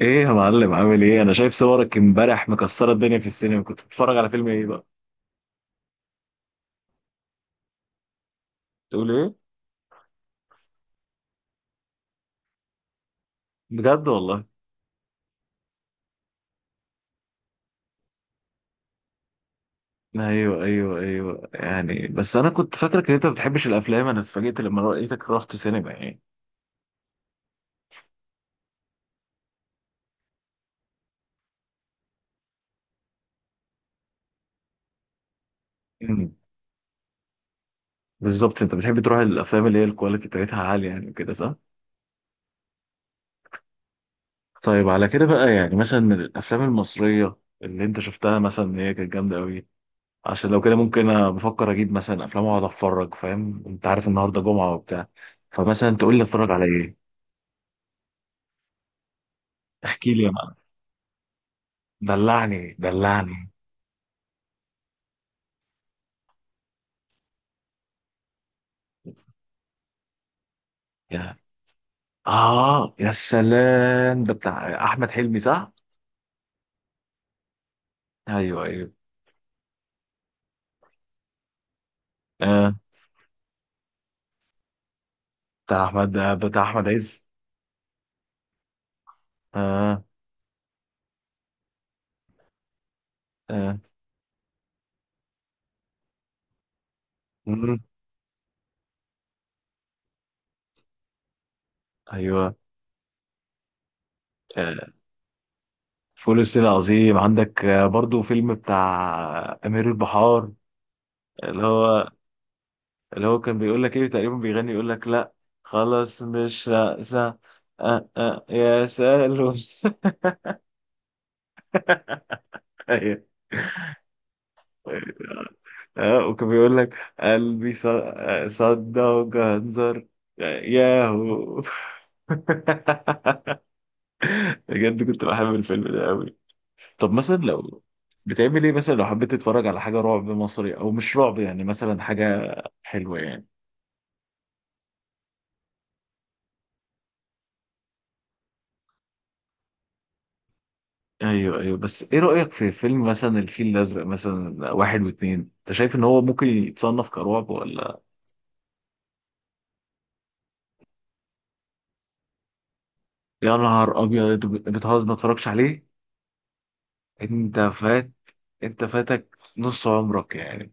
ايه يا معلم، عامل ايه؟ انا شايف صورك امبارح مكسره الدنيا في السينما. كنت بتتفرج على فيلم ايه بقى؟ تقول ايه؟ بجد والله؟ ايوه ايوه ايوه، يعني بس انا كنت فاكرك ان انت ما بتحبش الافلام. انا اتفاجئت لما لقيتك رحت سينما يعني. امم بالظبط، انت بتحب تروح الافلام اللي هي الكواليتي بتاعتها عاليه يعني، كده صح؟ طيب على كده بقى، يعني مثلا من الافلام المصريه اللي انت شفتها مثلا ان هي كانت جامده قوي، عشان لو كده ممكن انا بفكر اجيب مثلا افلام واقعد اتفرج، فاهم؟ انت عارف النهارده جمعه وبتاع، فمثلا تقول لي اتفرج على ايه؟ احكي لي يا معلم، دلعني دلعني. يا اه يا سلام! ده بتاع احمد حلمي صح؟ ايوه ايوه. آه. بتاع احمد، بتاع احمد عز. اه. اه. مم. ايوه. آه. فول الصين العظيم عندك، آه برضو فيلم بتاع امير البحار. اللي هو اللي هو كان بيقول لك ايه تقريبا، بيغني يقول لك لا خلاص مش رأسة. آه آه يا سالو. ايوه. اه، وكان بيقول لك قلبي صدى وجهنزر. ياهو. بجد كنت بحب الفيلم ده قوي. طب مثلا لو بتعمل ايه مثلا لو حبيت تتفرج على حاجة رعب مصري او مش رعب، يعني مثلا حاجة حلوة يعني. ايوه ايوه، بس ايه رأيك في فيلم مثلا الفيل الازرق مثلا واحد واتنين؟ انت شايف ان هو ممكن يتصنف كرعب ولا؟ يا نهار ابيض! أنت بتهزر، ما اتفرجش عليه؟ انت فات، انت فاتك نص عمرك يعني.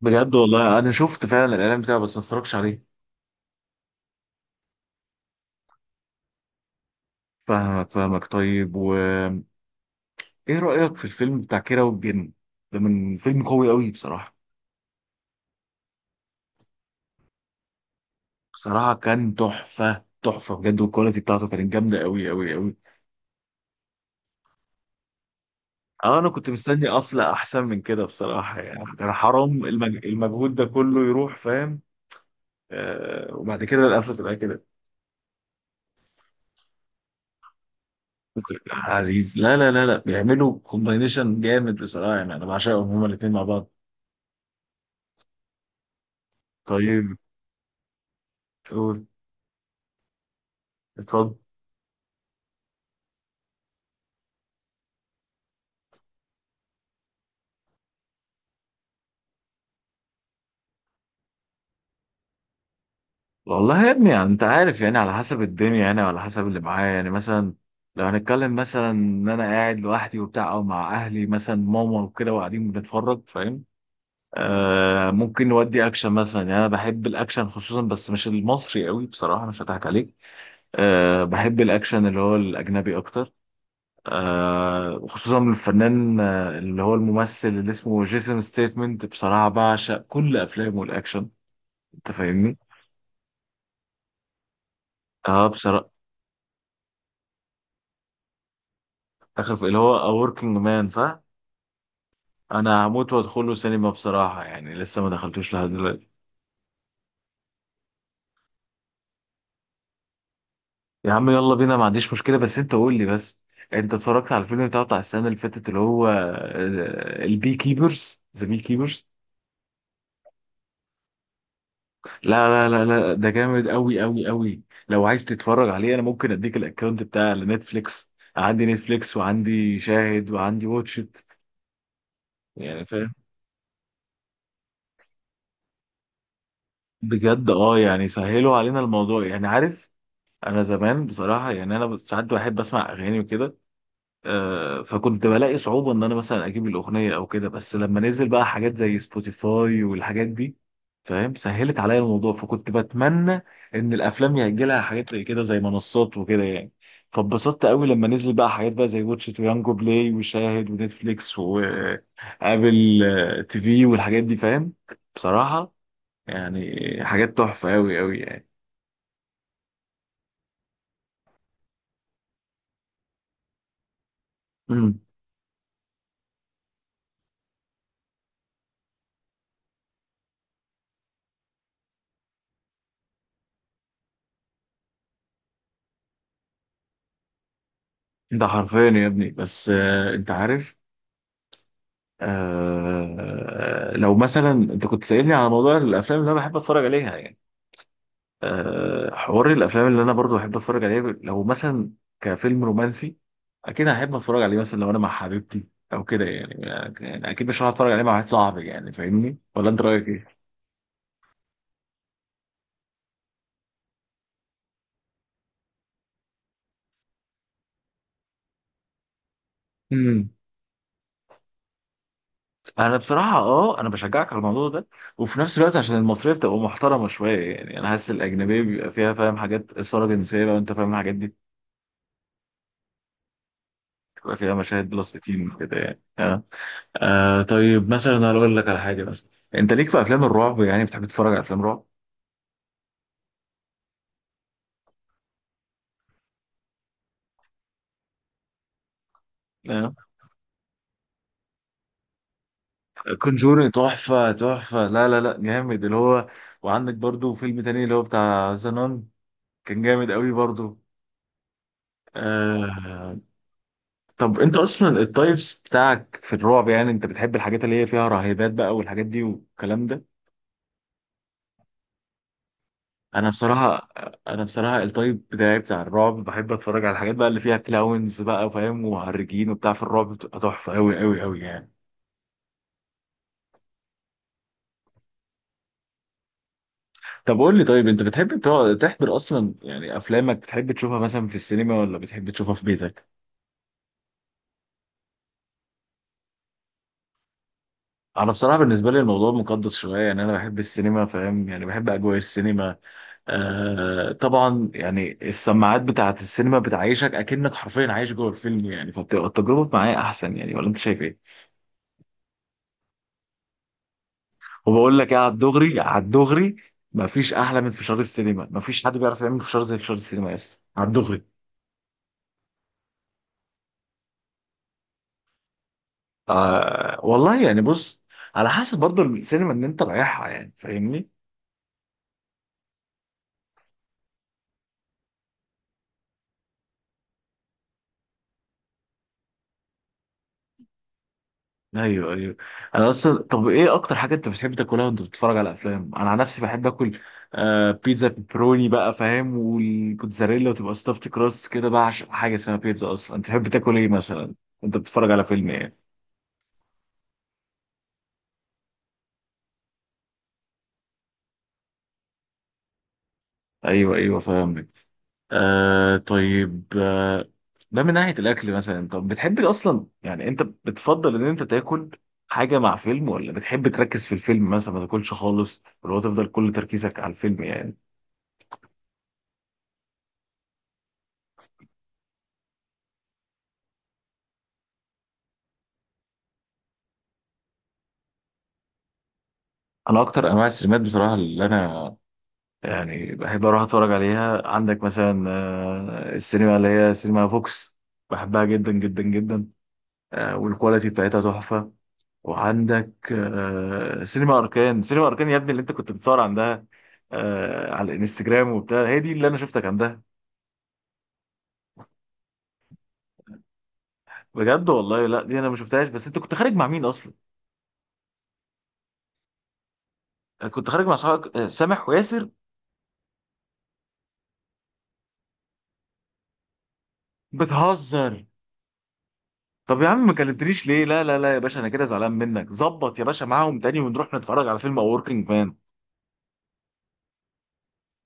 بجد والله انا شفت فعلا الاعلان بتاعه بس ما اتفرجش عليه. فاهمك فاهمك. طيب وايه رايك في الفيلم بتاع كيرة والجن؟ ده من فيلم قوي قوي بصراحه. بصراحه كان تحفه تحفه بجد، والكواليتي بتاعته كانت جامده قوي قوي قوي. اه انا كنت مستني قفله احسن من كده بصراحه، يعني كان حرام المجهود ده كله يروح، فاهم؟ آه وبعد كده القفله تبقى كده؟ ممكن عزيز، لا لا لا لا بيعملوا كومباينيشن جامد بصراحه، يعني انا بعشقهم هما الاثنين مع بعض. طيب، قول. اتفضل. والله يا ابني يعني انت عارف، يعني على حسب الدنيا، يعني على حسب اللي معايا، يعني مثلا لو هنتكلم مثلا ان انا قاعد لوحدي وبتاع او مع اهلي مثلا ماما وكده وقاعدين بنتفرج فاهم، آه ممكن نودي اكشن مثلا. يعني انا بحب الاكشن خصوصا، بس مش المصري قوي بصراحه، مش هضحك عليك. آه بحب الاكشن اللي هو الاجنبي اكتر. آه وخصوصا الفنان اللي هو الممثل اللي اسمه جيسون ستيتمنت، بصراحة بعشق كل أفلامه الأكشن. أنت فاهمني؟ اه بصراحة. آخر اللي هو A Working Man صح؟ أنا هموت وأدخله سينما بصراحة، يعني لسه ما دخلتوش لحد دلوقتي. يا عم يلا بينا، ما عنديش مشكلة، بس أنت قول لي بس، أنت اتفرجت على الفيلم بتاعه بتاع السنة اللي فاتت اللي هو البي كيبرز، ذا بي كيبرز؟ لا لا لا لا، ده جامد قوي قوي قوي. لو عايز تتفرج عليه انا ممكن اديك الاكونت بتاع نتفليكس. عندي نتفليكس وعندي شاهد وعندي واتشت، يعني فاهم. بجد اه، يعني سهلوا علينا الموضوع يعني، عارف، انا زمان بصراحة يعني انا ساعات بحب اسمع اغاني وكده، فكنت بلاقي صعوبة إن أنا مثلا أجيب الأغنية أو كده، بس لما نزل بقى حاجات زي سبوتيفاي والحاجات دي فاهم سهلت عليا الموضوع. فكنت بتمنى إن الأفلام يأجلها حاجات زي كده زي منصات وكده يعني. فاتبسطت قوي لما نزل بقى حاجات بقى زي واتش إت ويانجو بلاي وشاهد ونتفليكس وآبل تي في والحاجات دي فاهم بصراحة، يعني حاجات تحفة قوي قوي يعني. مم. ده حرفيا يا ابني، بس انت عارف، آه لو مثلا انت كنت سألني على موضوع الافلام اللي انا بحب اتفرج عليها يعني، آه حوار الافلام اللي انا برضو بحب اتفرج عليها لو مثلا كفيلم رومانسي، اكيد هحب اتفرج عليه مثلا لو انا مع حبيبتي او كده يعني. يعني اكيد مش هروح اتفرج عليه مع واحد صاحبي يعني، فاهمني ولا انت رايك ايه؟ امم انا بصراحه اه انا بشجعك على الموضوع ده، وفي نفس الوقت عشان المصريه بتبقى محترمه شويه. يعني انا حاسس الاجنبيه بيبقى فيها فاهم حاجات اثاره جنسيه بقى، وانت فاهم الحاجات دي بتبقى فيها مشاهد بلس 18 وكده يعني آه. آه طيب مثلا هقول لك على حاجه مثلا، انت ليك في افلام الرعب؟ يعني بتحب تتفرج على افلام رعب؟ آه. كونجوري تحفه تحفه، لا لا لا جامد اللي هو. وعندك برضو فيلم تاني اللي هو بتاع زنان، كان جامد قوي برضو. آه. طب انت اصلا التايبس بتاعك في الرعب يعني، انت بتحب الحاجات اللي هي فيها رهيبات بقى والحاجات دي والكلام ده؟ انا بصراحه انا بصراحه التايب بتاعي بتاع الرعب بحب اتفرج على الحاجات بقى اللي فيها كلاونز بقى فاهم ومهرجين وبتاع، في الرعب بتبقى تحفه قوي قوي قوي يعني. طب قول لي طيب، انت بتحب تحضر اصلا يعني افلامك؟ بتحب تشوفها مثلا في السينما ولا بتحب تشوفها في بيتك؟ انا بصراحه بالنسبه لي الموضوع مقدس شويه يعني، انا بحب السينما فاهم، يعني بحب اجواء السينما. آه طبعا يعني السماعات بتاعه السينما بتعيشك اكنك حرفيا عايش جوه الفيلم يعني، فبتبقى التجربه معايا احسن يعني، ولا انت شايف ايه؟ وبقول لك ايه على الدغري على الدغري، مفيش احلى من فشار السينما. مفيش حد بيعرف يعمل فشار زي فشار السينما يا اسطى، على الدغري. آه والله يعني، بص على حسب برضو السينما اللي انت رايحها يعني، فاهمني. ايوه ايوه. انا اصلا، طب ايه اكتر حاجه انت بتحب تاكلها وانت بتتفرج على افلام؟ انا عن نفسي بحب اكل آه بيتزا بيبروني بقى فاهم، والكوتزاريلا، وتبقى ستافت كراست كده بقى، عشان حاجه اسمها بيتزا اصلا. انت بتحب تاكل ايه مثلا وانت بتتفرج على فيلم ايه؟ ايوه ايوه فاهم. آه طيب، آه ده من ناحية الأكل مثلا. طب بتحب أصلا يعني، أنت بتفضل إن أنت تاكل حاجة مع فيلم، ولا بتحب تركز في الفيلم مثلا ما تاكلش خالص، ولا هو تفضل كل تركيزك على الفيلم يعني؟ أنا أكتر أنواع السينمات بصراحة اللي أنا يعني بحب أروح أتفرج عليها، عندك مثلا آه السينما اللي هي سينما فوكس، بحبها جدا جدا جدا. آه والكواليتي بتاعتها تحفة. وعندك سينما اركان. سينما اركان يا ابني اللي انت كنت بتصور عندها على الانستجرام وبتاع، هي دي اللي انا شفتك عندها. بجد والله؟ لا دي انا ما شفتهاش. بس انت كنت خارج مع مين اصلا؟ كنت خارج مع صحابك، سامح وياسر؟ بتهزر. طب يا عم ما كلمتنيش ليه؟ لا لا لا يا باشا انا كده زعلان منك. ظبط يا باشا معاهم تاني ونروح نتفرج على فيلم اوركينج مان.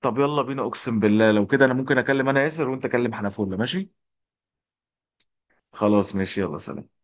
طب يلا بينا، اقسم بالله لو كده انا ممكن اكلم انا ياسر، وانت كلم حنفوله، ماشي؟ خلاص ماشي. يلا سلام.